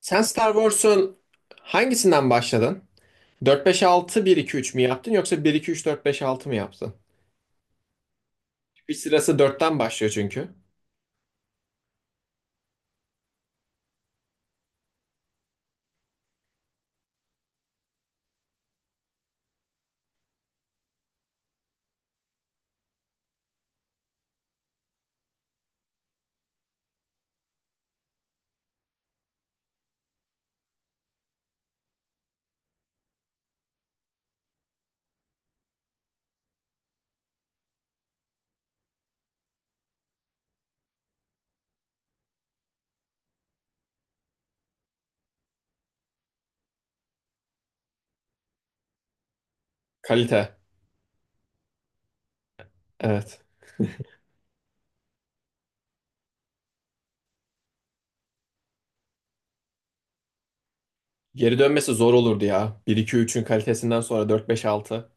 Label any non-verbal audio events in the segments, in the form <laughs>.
Sen Star Wars'un hangisinden başladın? Dört beş altı bir iki üç mü yaptın yoksa bir iki üç dört beş altı mı yaptın? Bir sırası dörtten başlıyor çünkü. Kalite. Evet. Geri dönmesi zor olurdu ya. Bir iki üçün kalitesinden sonra dört beş altı.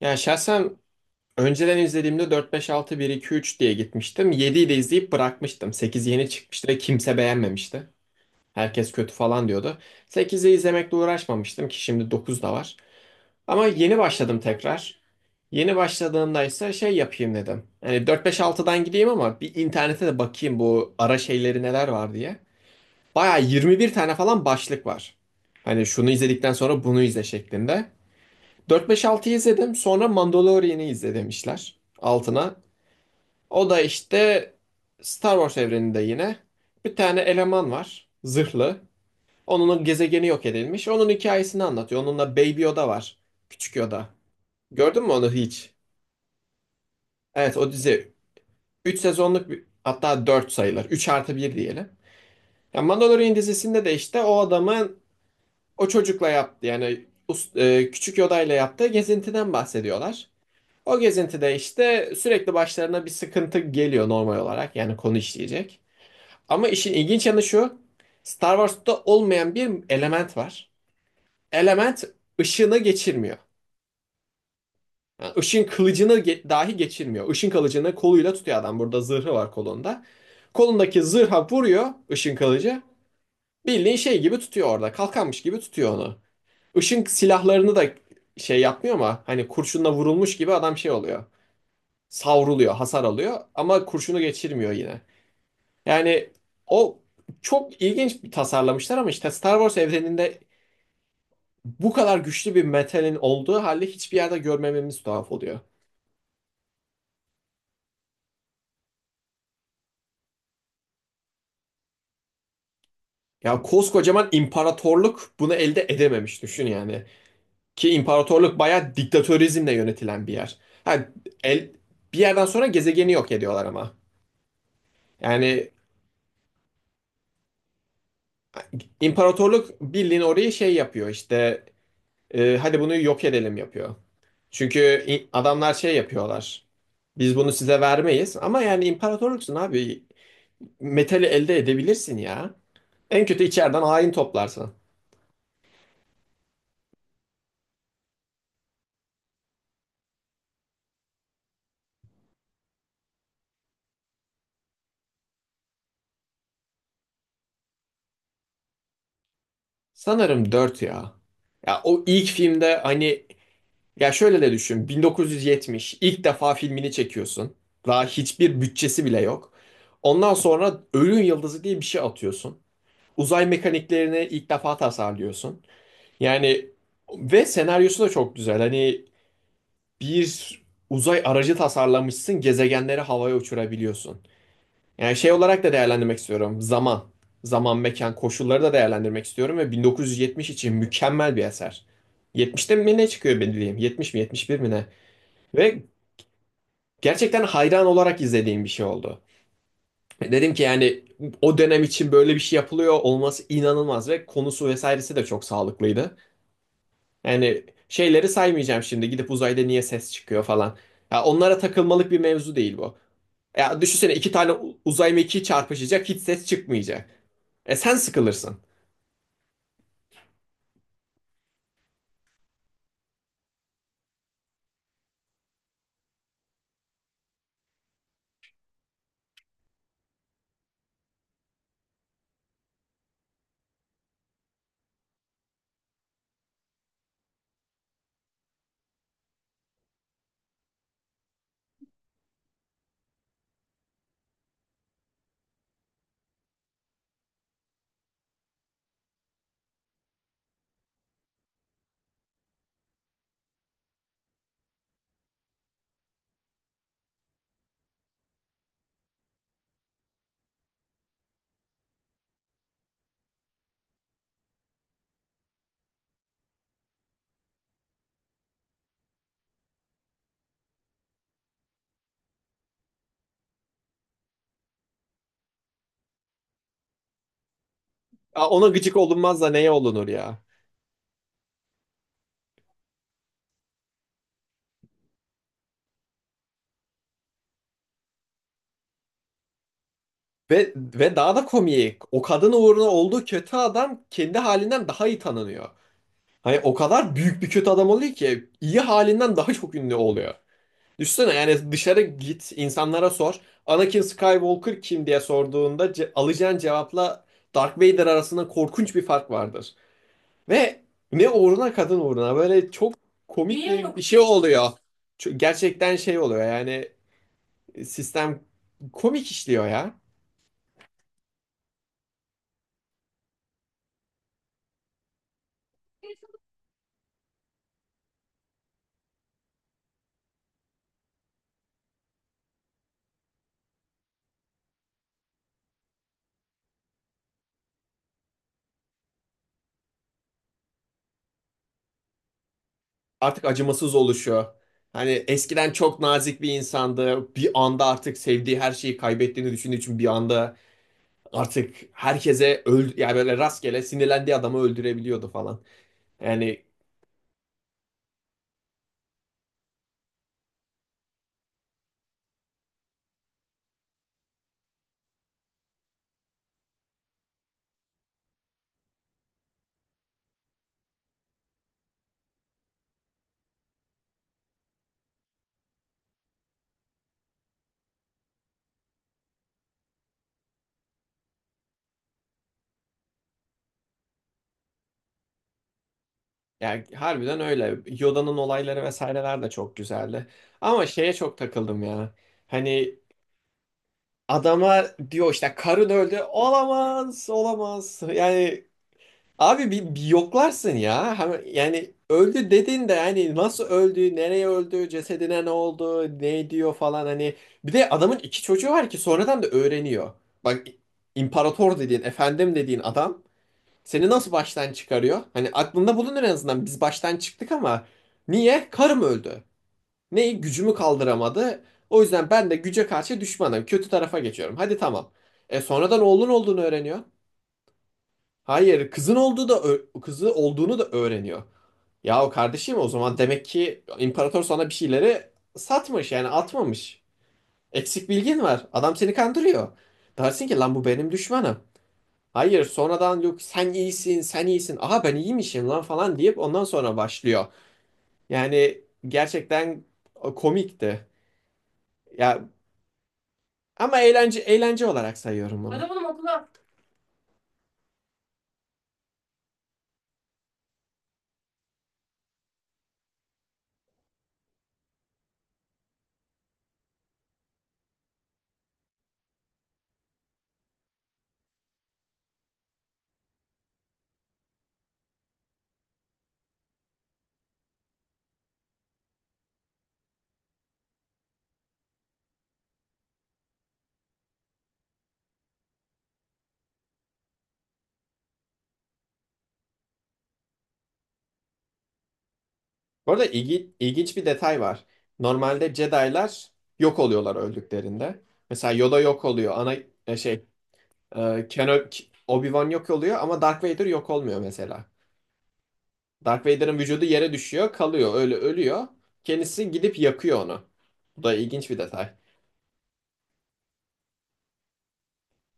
Yani şahsen önceden izlediğimde 4 5 6 1 2 3 diye gitmiştim. 7'yi de izleyip bırakmıştım. 8 yeni çıkmıştı ve kimse beğenmemişti. Herkes kötü falan diyordu. 8'i izlemekle uğraşmamıştım ki şimdi 9 da var. Ama yeni başladım tekrar. Yeni başladığımda ise şey yapayım dedim. Yani 4 5 6'dan gideyim ama bir internete de bakayım bu ara şeyleri neler var diye. Baya 21 tane falan başlık var. Hani şunu izledikten sonra bunu izle şeklinde. 4 5 6'yı izledim. Sonra Mandalorian'ı izle demişler. Altına o da işte Star Wars evreninde yine bir tane eleman var. Zırhlı. Onun gezegeni yok edilmiş. Onun hikayesini anlatıyor. Onunla Baby Yoda var. Küçük Yoda. Gördün mü onu hiç? Evet, o dizi 3 sezonluk bir, hatta 4 sayılır. 3 artı bir diyelim. Ya Mandalorian dizisinde de işte o adamın o çocukla yaptı yani küçük Yoda ile yaptığı gezintiden bahsediyorlar. O gezintide işte sürekli başlarına bir sıkıntı geliyor normal olarak yani konu işleyecek. Ama işin ilginç yanı şu. Star Wars'ta olmayan bir element var. Element ışını geçirmiyor. Yani ışın kılıcını dahi geçirmiyor. Işın kılıcını koluyla tutuyor adam. Burada zırhı var kolunda. Kolundaki zırha vuruyor ışın kılıcı. Bildiğin şey gibi tutuyor orada. Kalkanmış gibi tutuyor onu. Işın silahlarını da şey yapmıyor ama hani kurşunla vurulmuş gibi adam şey oluyor. Savruluyor, hasar alıyor ama kurşunu geçirmiyor yine. Yani o çok ilginç bir tasarlamışlar ama işte Star Wars evreninde bu kadar güçlü bir metalin olduğu halde hiçbir yerde görmememiz tuhaf oluyor. Ya koskocaman imparatorluk bunu elde edememiş düşün yani. Ki imparatorluk bayağı diktatörizmle yönetilen bir yer. Ha, el, bir yerden sonra gezegeni yok ediyorlar ama. Yani imparatorluk bildiğin orayı şey yapıyor işte, hadi bunu yok edelim yapıyor. Çünkü adamlar şey yapıyorlar. Biz bunu size vermeyiz. Ama yani imparatorluksun abi. Metali elde edebilirsin ya. En kötü içeriden hain toplarsın. Sanırım 4 ya. Ya o ilk filmde hani ya şöyle de düşün. 1970, ilk defa filmini çekiyorsun. Daha hiçbir bütçesi bile yok. Ondan sonra Ölüm Yıldızı diye bir şey atıyorsun. Uzay mekaniklerini ilk defa tasarlıyorsun. Yani ve senaryosu da çok güzel. Hani bir uzay aracı tasarlamışsın, gezegenleri havaya uçurabiliyorsun. Yani şey olarak da değerlendirmek istiyorum. Zaman, mekan, koşulları da değerlendirmek istiyorum ve 1970 için mükemmel bir eser. 70'te mi ne çıkıyor bildiğim? 70 mi 71 mi ne? Ve gerçekten hayran olarak izlediğim bir şey oldu. Dedim ki yani o dönem için böyle bir şey yapılıyor olması inanılmaz ve konusu vesairesi de çok sağlıklıydı. Yani şeyleri saymayacağım şimdi, gidip uzayda niye ses çıkıyor falan. Ya onlara takılmalık bir mevzu değil bu. Ya düşünsene, iki tane uzay mekiği çarpışacak hiç ses çıkmayacak. E sen sıkılırsın. Ya ona gıcık olunmaz da neye olunur ya? Ve daha da komiği, o kadın uğruna olduğu kötü adam kendi halinden daha iyi tanınıyor. Hani o kadar büyük bir kötü adam oluyor ki iyi halinden daha çok ünlü oluyor. Düşünsene yani, dışarı git, insanlara sor. Anakin Skywalker kim diye sorduğunda alacağın cevapla Darth Vader arasında korkunç bir fark vardır. Ve ne uğruna, kadın uğruna, böyle çok komik. Niye bir yok, şey yok oluyor. Gerçekten şey oluyor yani, sistem komik işliyor ya. Artık acımasız oluşuyor. Hani eskiden çok nazik bir insandı. Bir anda artık sevdiği her şeyi kaybettiğini düşündüğü için bir anda artık herkese öl yani, böyle rastgele sinirlendiği adamı öldürebiliyordu falan. Yani yani harbiden öyle. Yoda'nın olayları vesaireler de çok güzeldi. Ama şeye çok takıldım ya. Hani adama diyor işte karın öldü. Olamaz, olamaz. Yani abi bir yoklarsın ya. Yani öldü dedin de yani nasıl öldü, nereye öldü, cesedine ne oldu, ne diyor falan hani. Bir de adamın iki çocuğu var ki sonradan da öğreniyor. Bak, imparator dediğin, efendim dediğin adam seni nasıl baştan çıkarıyor? Hani aklında bulunur en azından, biz baştan çıktık ama niye? Karım öldü. Neyi? Gücümü kaldıramadı. O yüzden ben de güce karşı düşmanım. Kötü tarafa geçiyorum. Hadi tamam. E sonradan oğlun olduğunu öğreniyor. Hayır, kızın olduğu da kızı olduğunu da öğreniyor. Yahu kardeşim, o zaman demek ki imparator sana bir şeyleri satmış yani atmamış. Eksik bilgin var. Adam seni kandırıyor. Dersin ki lan bu benim düşmanım. Hayır, sonradan yok sen iyisin, sen iyisin. Aha ben iyiymişim lan falan deyip ondan sonra başlıyor. Yani gerçekten komikti. Ya ama eğlence, eğlence olarak sayıyorum bunu. Adamın okula. Bu arada ilginç bir detay var. Normalde Jedi'lar yok oluyorlar öldüklerinde. Mesela Yoda yok oluyor. Ana e, şey e, Keno- K- Obi-Wan yok oluyor ama Darth Vader yok olmuyor mesela. Darth Vader'ın vücudu yere düşüyor, kalıyor, öyle ölüyor. Kendisi gidip yakıyor onu. Bu da ilginç bir detay.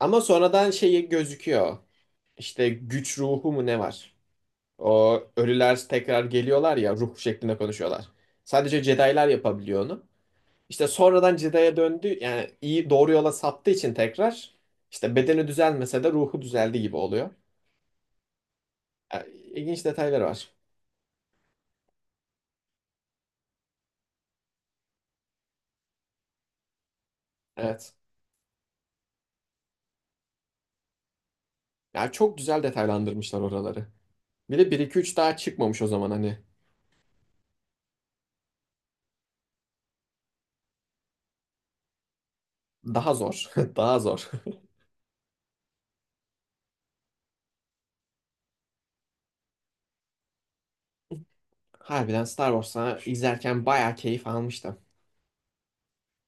Ama sonradan şeyi gözüküyor. İşte güç ruhu mu ne var? O ölüler tekrar geliyorlar ya, ruh şeklinde konuşuyorlar. Sadece Jedi'lar yapabiliyor onu. İşte sonradan cidaya döndü yani, iyi doğru yola saptığı için tekrar işte bedeni düzelmese de ruhu düzeldi gibi oluyor. Yani ilginç detayları var. Evet. Yani çok güzel detaylandırmışlar oraları. Bir de 1-2-3 daha çıkmamış o zaman hani. Daha zor. <laughs> Daha zor. Harbiden Star Wars'a izlerken bayağı keyif almıştım.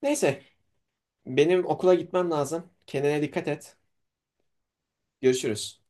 Neyse, benim okula gitmem lazım. Kendine dikkat et. Görüşürüz.